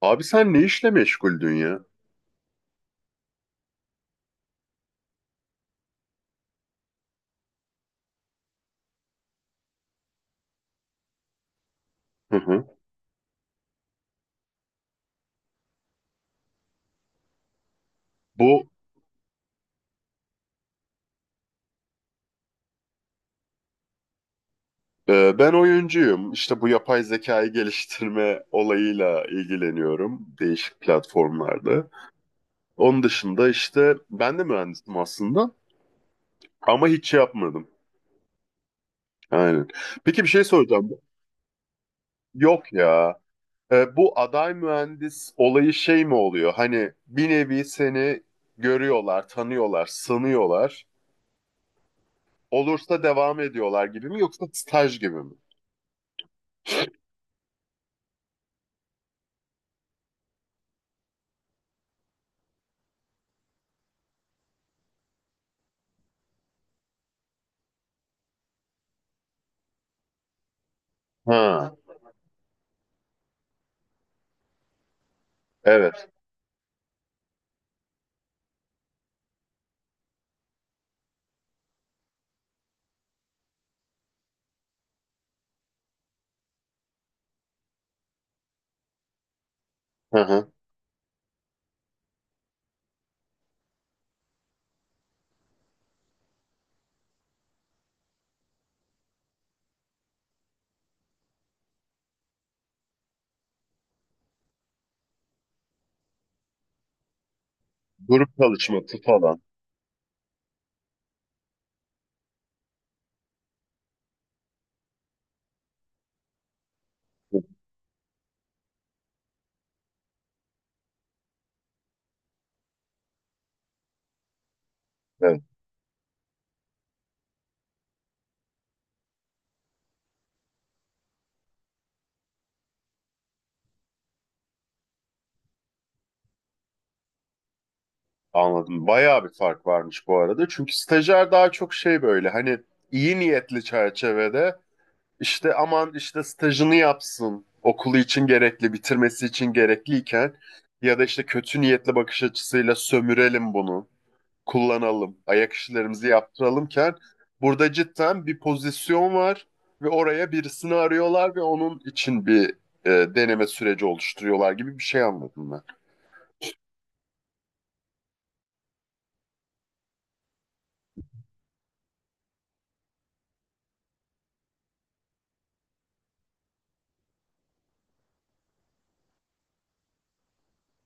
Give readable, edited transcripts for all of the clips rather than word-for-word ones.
Abi sen ne işle meşguldün ya? Hı hı. Bu Ben oyuncuyum. İşte bu yapay zekayı geliştirme olayıyla ilgileniyorum değişik platformlarda. Onun dışında işte ben de mühendisim aslında ama hiç şey yapmadım. Aynen. Peki bir şey soracağım. Yok ya. Bu aday mühendis olayı şey mi oluyor? Hani bir nevi seni görüyorlar, tanıyorlar, sanıyorlar. Olursa devam ediyorlar gibi mi yoksa staj gibi mi? Ha, evet. Hı hı. Grup çalışması falan. Evet, anladım. Bayağı bir fark varmış bu arada. Çünkü stajyer daha çok şey böyle hani iyi niyetli çerçevede işte aman işte stajını yapsın. Okulu için gerekli, bitirmesi için gerekliyken ya da işte kötü niyetli bakış açısıyla sömürelim bunu, kullanalım, ayak işlerimizi yaptıralımken burada cidden bir pozisyon var ve oraya birisini arıyorlar ve onun için bir deneme süreci oluşturuyorlar gibi bir şey anladım ben.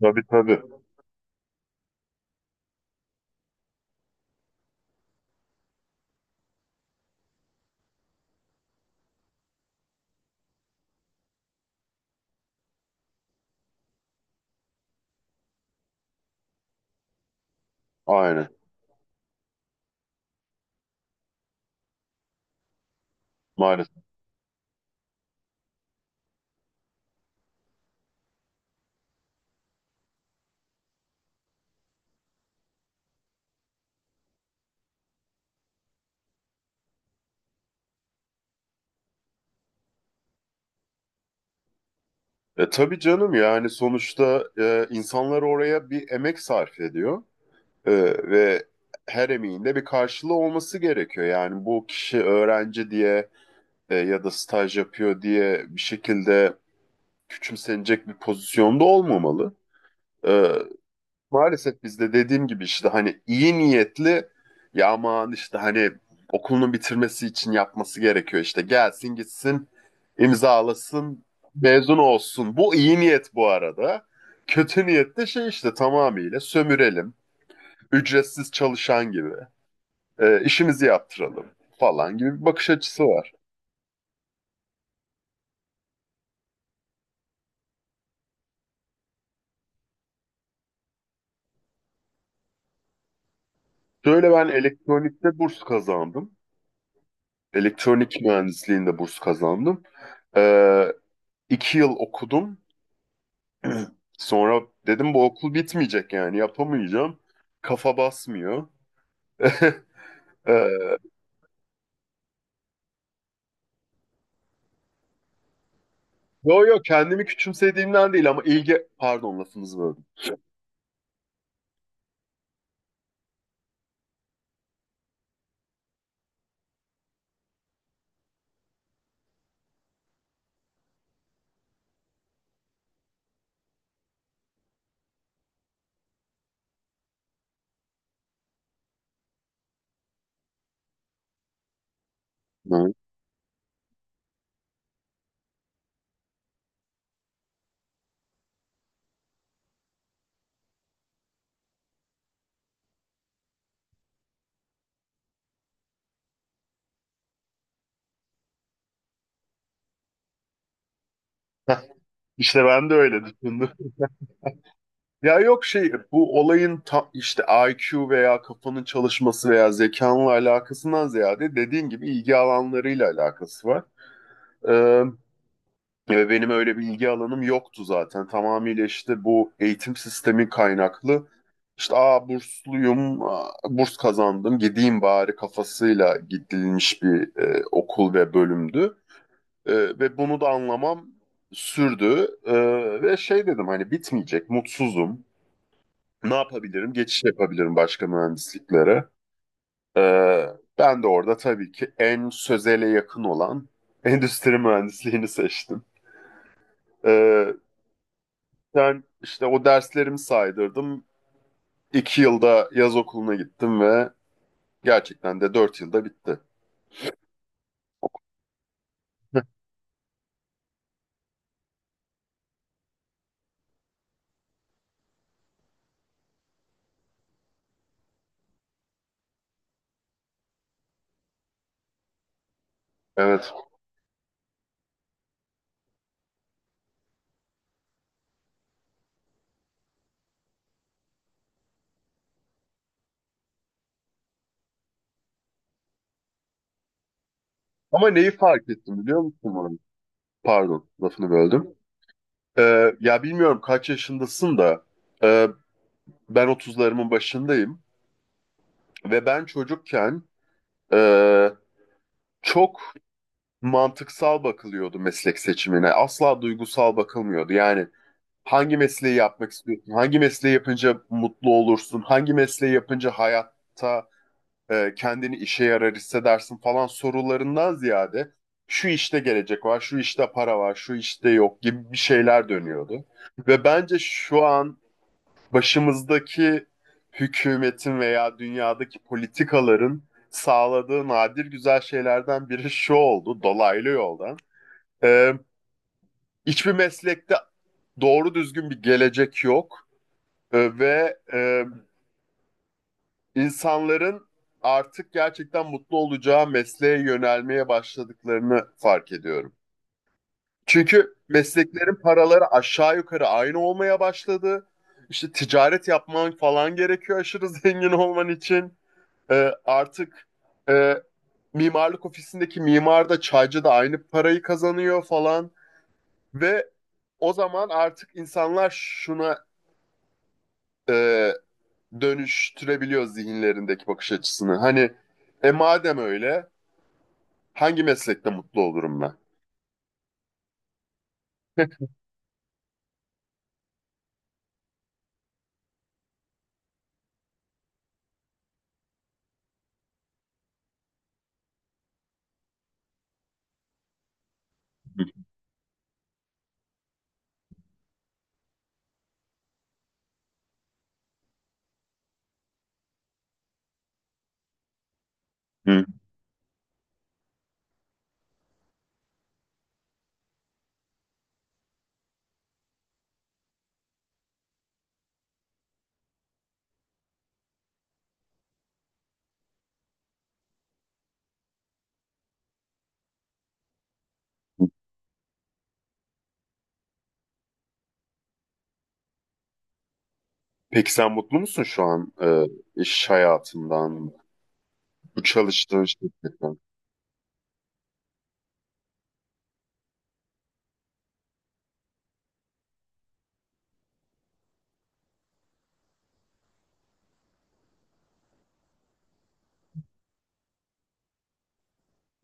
Tabii tabii. Aynen. Maalesef. Tabii canım yani sonuçta insanlar oraya bir emek sarf ediyor. E, ve her emeğin de bir karşılığı olması gerekiyor. Yani bu kişi öğrenci diye ya da staj yapıyor diye bir şekilde küçümsenecek bir pozisyonda olmamalı. E, Maalesef bizde dediğim gibi işte hani iyi niyetli ya aman işte hani okulunu bitirmesi için yapması gerekiyor işte gelsin gitsin imzalasın mezun olsun. Bu iyi niyet bu arada. Kötü niyet de şey işte tamamıyla sömürelim, ücretsiz çalışan gibi işimizi yaptıralım falan gibi bir bakış açısı var. Şöyle ben elektronikte burs kazandım. Elektronik mühendisliğinde burs kazandım. E, iki yıl okudum. Sonra dedim bu okul bitmeyecek yani yapamayacağım. Kafa basmıyor. Ee, Yo yo kendimi küçümsediğimden değil ama ilgi... Pardon lafınızı böldüm. Hı. Heh, İşte ben de öyle düşündüm. Ya yok şey bu olayın ta, işte IQ veya kafanın çalışması veya zekanla alakasından ziyade dediğin gibi ilgi alanlarıyla alakası var. Ee, Ve benim öyle bilgi alanım yoktu zaten. Tamamıyla işte bu eğitim sistemi kaynaklı. İşte aa bursluyum, aa, burs kazandım, gideyim bari kafasıyla gidilmiş bir okul ve bölümdü. E, ve bunu da anlamam sürdü. Ve şey dedim hani bitmeyecek, mutsuzum. Ne yapabilirim? Geçiş yapabilirim başka mühendisliklere. E, Ben de orada tabii ki en sözele yakın olan endüstri mühendisliğini seçtim. Ee, Ben işte o derslerimi saydırdım. İki yılda yaz okuluna gittim ve gerçekten de dört yılda bitti. Evet. Ama neyi fark ettim biliyor musun bunu? Pardon, lafını böldüm. Ya bilmiyorum kaç yaşındasın da e, ben otuzlarımın başındayım ve ben çocukken e, çok mantıksal bakılıyordu meslek seçimine. Asla duygusal bakılmıyordu. Yani hangi mesleği yapmak istiyorsun? Hangi mesleği yapınca mutlu olursun? Hangi mesleği yapınca hayatta kendini işe yarar hissedersin falan sorularından ziyade şu işte gelecek var, şu işte para var, şu işte yok gibi bir şeyler dönüyordu. Ve bence şu an başımızdaki hükümetin veya dünyadaki politikaların sağladığı nadir güzel şeylerden biri şu oldu dolaylı yoldan. E, Hiçbir meslekte doğru düzgün bir gelecek yok. Ve insanların artık gerçekten mutlu olacağı mesleğe yönelmeye başladıklarını fark ediyorum. Çünkü mesleklerin paraları aşağı yukarı aynı olmaya başladı. İşte ticaret yapman falan gerekiyor aşırı zengin olman için. Artık e, mimarlık ofisindeki mimar da çaycı da aynı parayı kazanıyor falan. Ve o zaman artık insanlar şuna e, dönüştürebiliyor zihinlerindeki bakış açısını. Hani e madem öyle hangi meslekte mutlu olurum ben? Hı. hı. Peki sen mutlu musun şu an, iş hayatından, bu çalıştığın şirketten?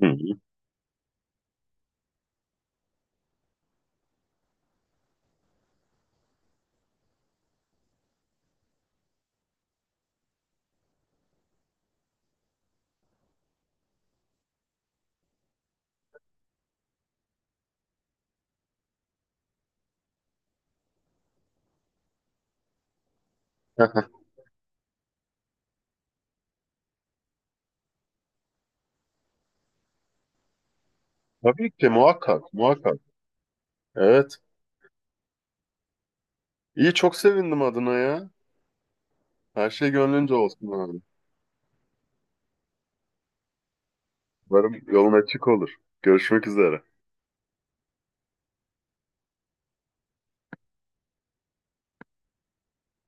Hı. hı. Tabii ki muhakkak, muhakkak. Evet. İyi, çok sevindim adına ya. Her şey gönlünce olsun abi. Umarım yolun açık olur. Görüşmek üzere.